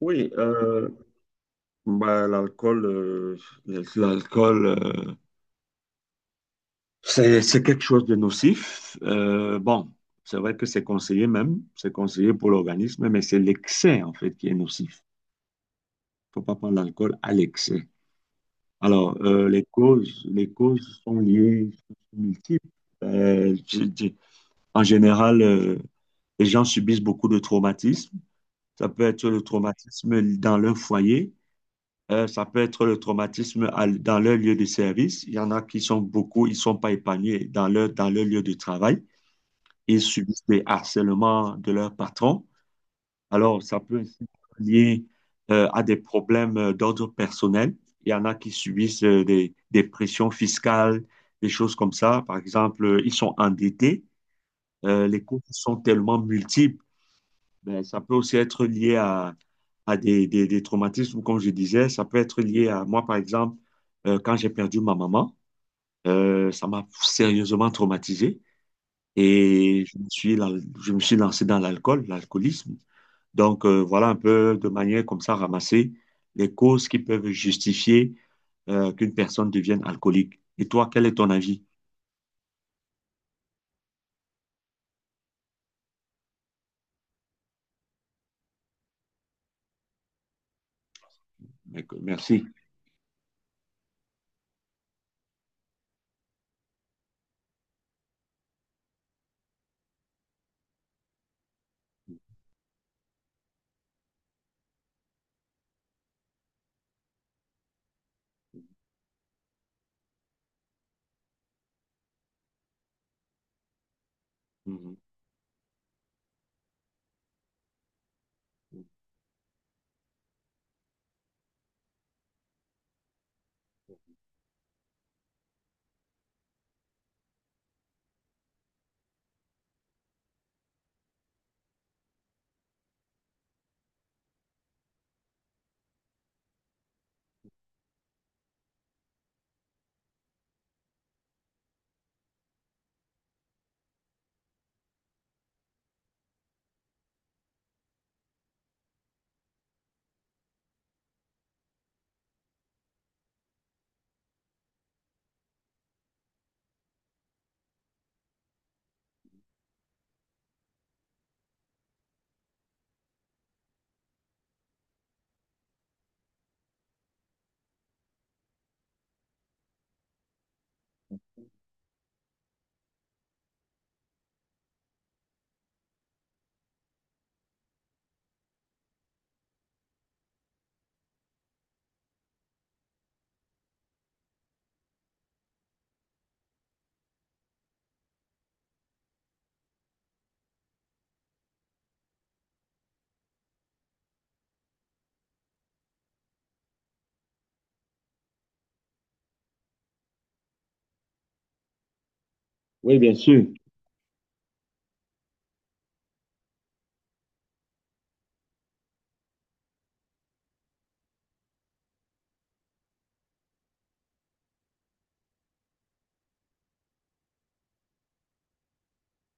Oui, l'alcool, l'alcool, c'est quelque chose de nocif. Bon, c'est vrai que c'est conseillé même, c'est conseillé pour l'organisme, mais c'est l'excès en fait qui est nocif. Il ne faut pas prendre l'alcool à l'excès. Alors, les causes sont liées, sont multiples. Euh, je- je- En général, les gens subissent beaucoup de traumatismes. Ça peut être le traumatisme dans leur foyer. Ça peut être le traumatisme dans leur lieu de service. Il y en a qui sont beaucoup, ils ne sont pas épanouis dans leur lieu de travail. Ils subissent des harcèlements de leur patron. Alors, ça peut aussi être lié à des problèmes d'ordre personnel. Il y en a qui subissent des pressions fiscales, des choses comme ça. Par exemple, ils sont endettés. Les coûts sont tellement multiples. Ben, ça peut aussi être lié à des traumatismes, ou comme je disais, ça peut être lié à moi, par exemple, quand j'ai perdu ma maman, ça m'a sérieusement traumatisé et je me suis, je me suis lancé dans l'alcool, l'alcoolisme. Donc, voilà un peu de manière comme ça ramasser les causes qui peuvent justifier qu'une personne devienne alcoolique. Et toi, quel est ton avis? Merci. Mhm. Oui, bien sûr.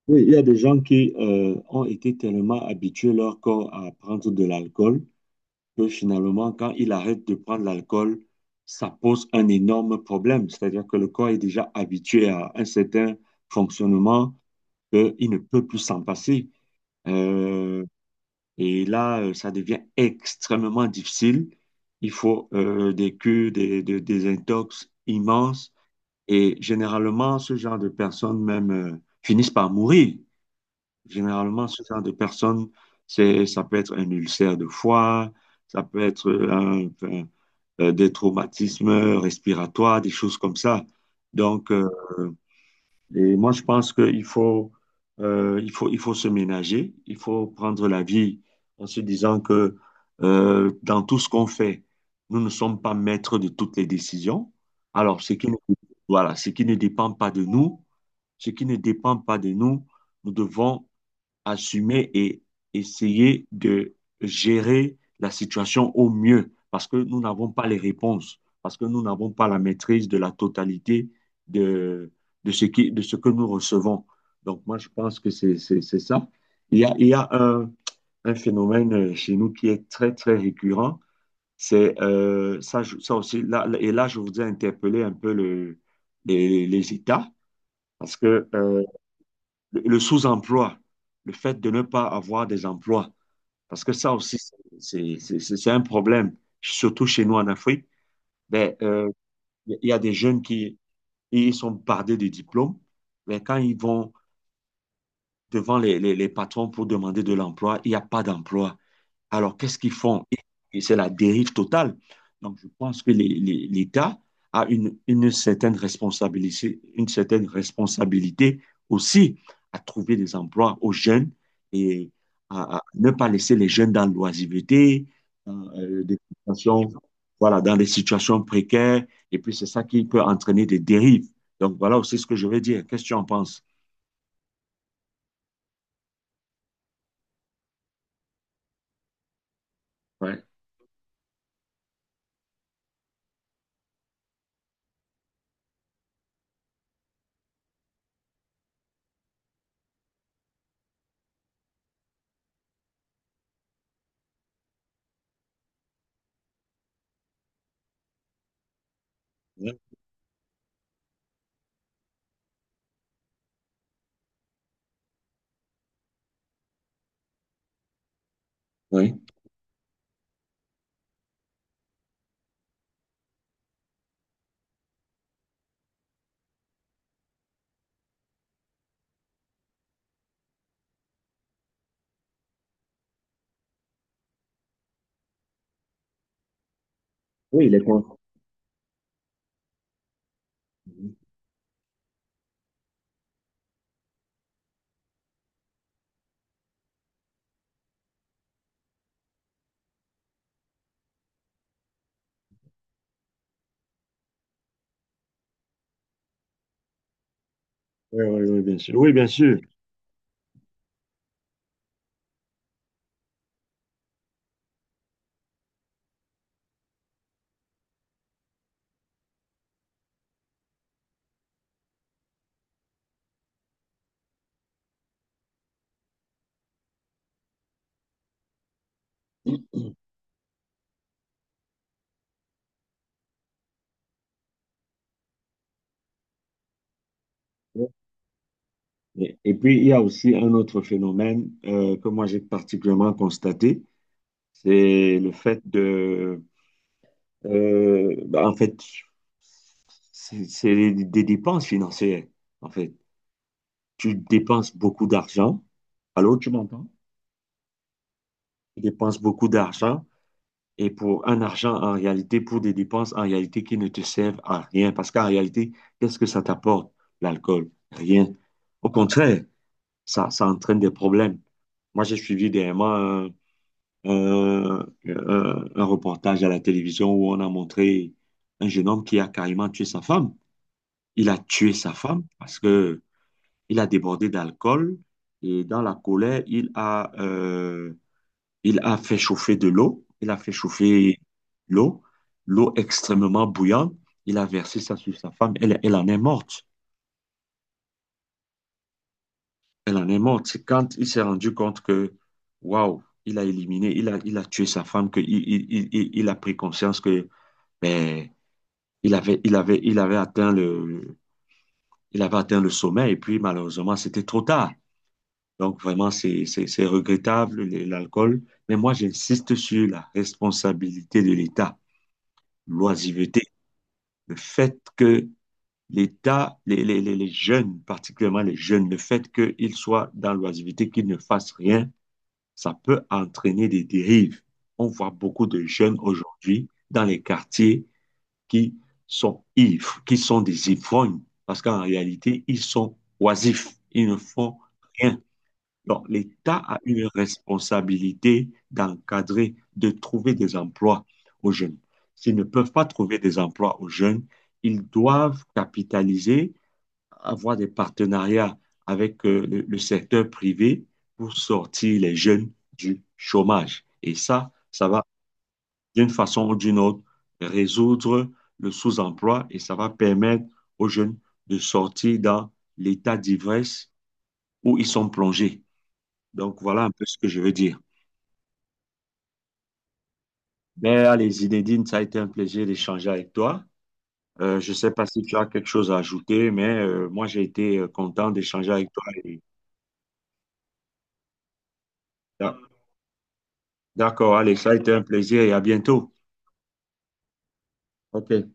Oui, il y a des gens qui ont été tellement habitués leur corps à prendre de l'alcool que finalement, quand ils arrêtent de prendre l'alcool, ça pose un énorme problème. C'est-à-dire que le corps est déjà habitué à un certain fonctionnement qu'il ne peut plus s'en passer. Euh, et là, ça devient extrêmement difficile. Il faut des cures, des intox immenses. Et généralement, ce genre de personnes même finissent par mourir. Généralement, ce genre de personnes, c'est, ça peut être un ulcère de foie, ça peut être des traumatismes respiratoires, des choses comme ça. Donc, et moi, je pense qu'il faut, il faut se ménager, il faut prendre la vie en se disant que dans tout ce qu'on fait, nous ne sommes pas maîtres de toutes les décisions. Alors, ce qui ne, voilà, ce qui ne dépend pas de nous, ce qui ne dépend pas de nous, nous devons assumer et essayer de gérer la situation au mieux parce que nous n'avons pas les réponses, parce que nous n'avons pas la maîtrise de la totalité de, de, de ce que nous recevons. Donc moi, je pense que c'est ça. Il y a un phénomène chez nous qui est très, très récurrent. C'est ça, ça aussi, là, et là, je voudrais interpeller un peu le, les États, parce que le sous-emploi, le fait de ne pas avoir des emplois, parce que ça aussi, c'est un problème, surtout chez nous en Afrique. Ben, il y a des jeunes qui ils sont bardés de diplômes, mais quand ils vont devant les patrons pour demander de l'emploi, il n'y a pas d'emploi. Alors, qu'est-ce qu'ils font? Et c'est la dérive totale. Donc, je pense que l'État a une certaine responsabilité aussi à trouver des emplois aux jeunes et à ne pas laisser les jeunes dans l'oisiveté, dans des situations, voilà, dans des situations précaires. Et puis, c'est ça qui peut entraîner des dérives. Donc, voilà aussi ce que je veux dire. Qu'est-ce que tu en penses? Ouais. Ouais. Oui. Oui, les cons- Oui, oui, oui, bien sûr. Oui, bien sûr. Et puis, il y a aussi un autre phénomène que moi j'ai particulièrement constaté, c'est le fait de, en fait, c'est des dépenses financières. En fait, tu dépenses beaucoup d'argent. Allô, tu m'entends? Tu dépenses beaucoup d'argent et pour un argent en réalité, pour des dépenses en réalité qui ne te servent à rien. Parce qu'en réalité, qu'est-ce que ça t'apporte, l'alcool? Rien. Au contraire, ça entraîne des problèmes. Moi, j'ai suivi dernièrement un reportage à la télévision où on a montré un jeune homme qui a carrément tué sa femme. Il a tué sa femme parce que il a débordé d'alcool et dans la colère, il a fait chauffer de l'eau. Il a fait chauffer l'eau, l'eau extrêmement bouillante. Il a versé ça sur sa femme. Elle, elle en est morte. Elle en est morte. C'est quand il s'est rendu compte que, waouh, il a éliminé, il a tué sa femme, qu'il il a pris conscience que, ben il avait, il avait atteint il avait atteint le sommet et puis malheureusement, c'était trop tard. Donc vraiment, c'est regrettable, l'alcool. Mais moi, j'insiste sur la responsabilité de l'État, l'oisiveté, le fait que l'État, les jeunes, particulièrement les jeunes, le fait qu'ils soient dans l'oisiveté, qu'ils ne fassent rien, ça peut entraîner des dérives. On voit beaucoup de jeunes aujourd'hui dans les quartiers qui sont ivres, qui sont des ivrognes, parce qu'en réalité, ils sont oisifs, ils ne font rien. Donc, l'État a une responsabilité d'encadrer, de trouver des emplois aux jeunes. S'ils ne peuvent pas trouver des emplois aux jeunes, ils doivent capitaliser, avoir des partenariats avec le secteur privé pour sortir les jeunes du chômage. Et ça va d'une façon ou d'une autre, résoudre le sous-emploi et ça va permettre aux jeunes de sortir dans l'état d'ivresse où ils sont plongés. Donc voilà un peu ce que je veux dire. Ben, allez, Zinedine, ça a été un plaisir d'échanger avec toi. Je ne sais pas si tu as quelque chose à ajouter, mais moi, j'ai été content d'échanger avec toi. Et- D'accord, allez, ça a été un plaisir et à bientôt. OK.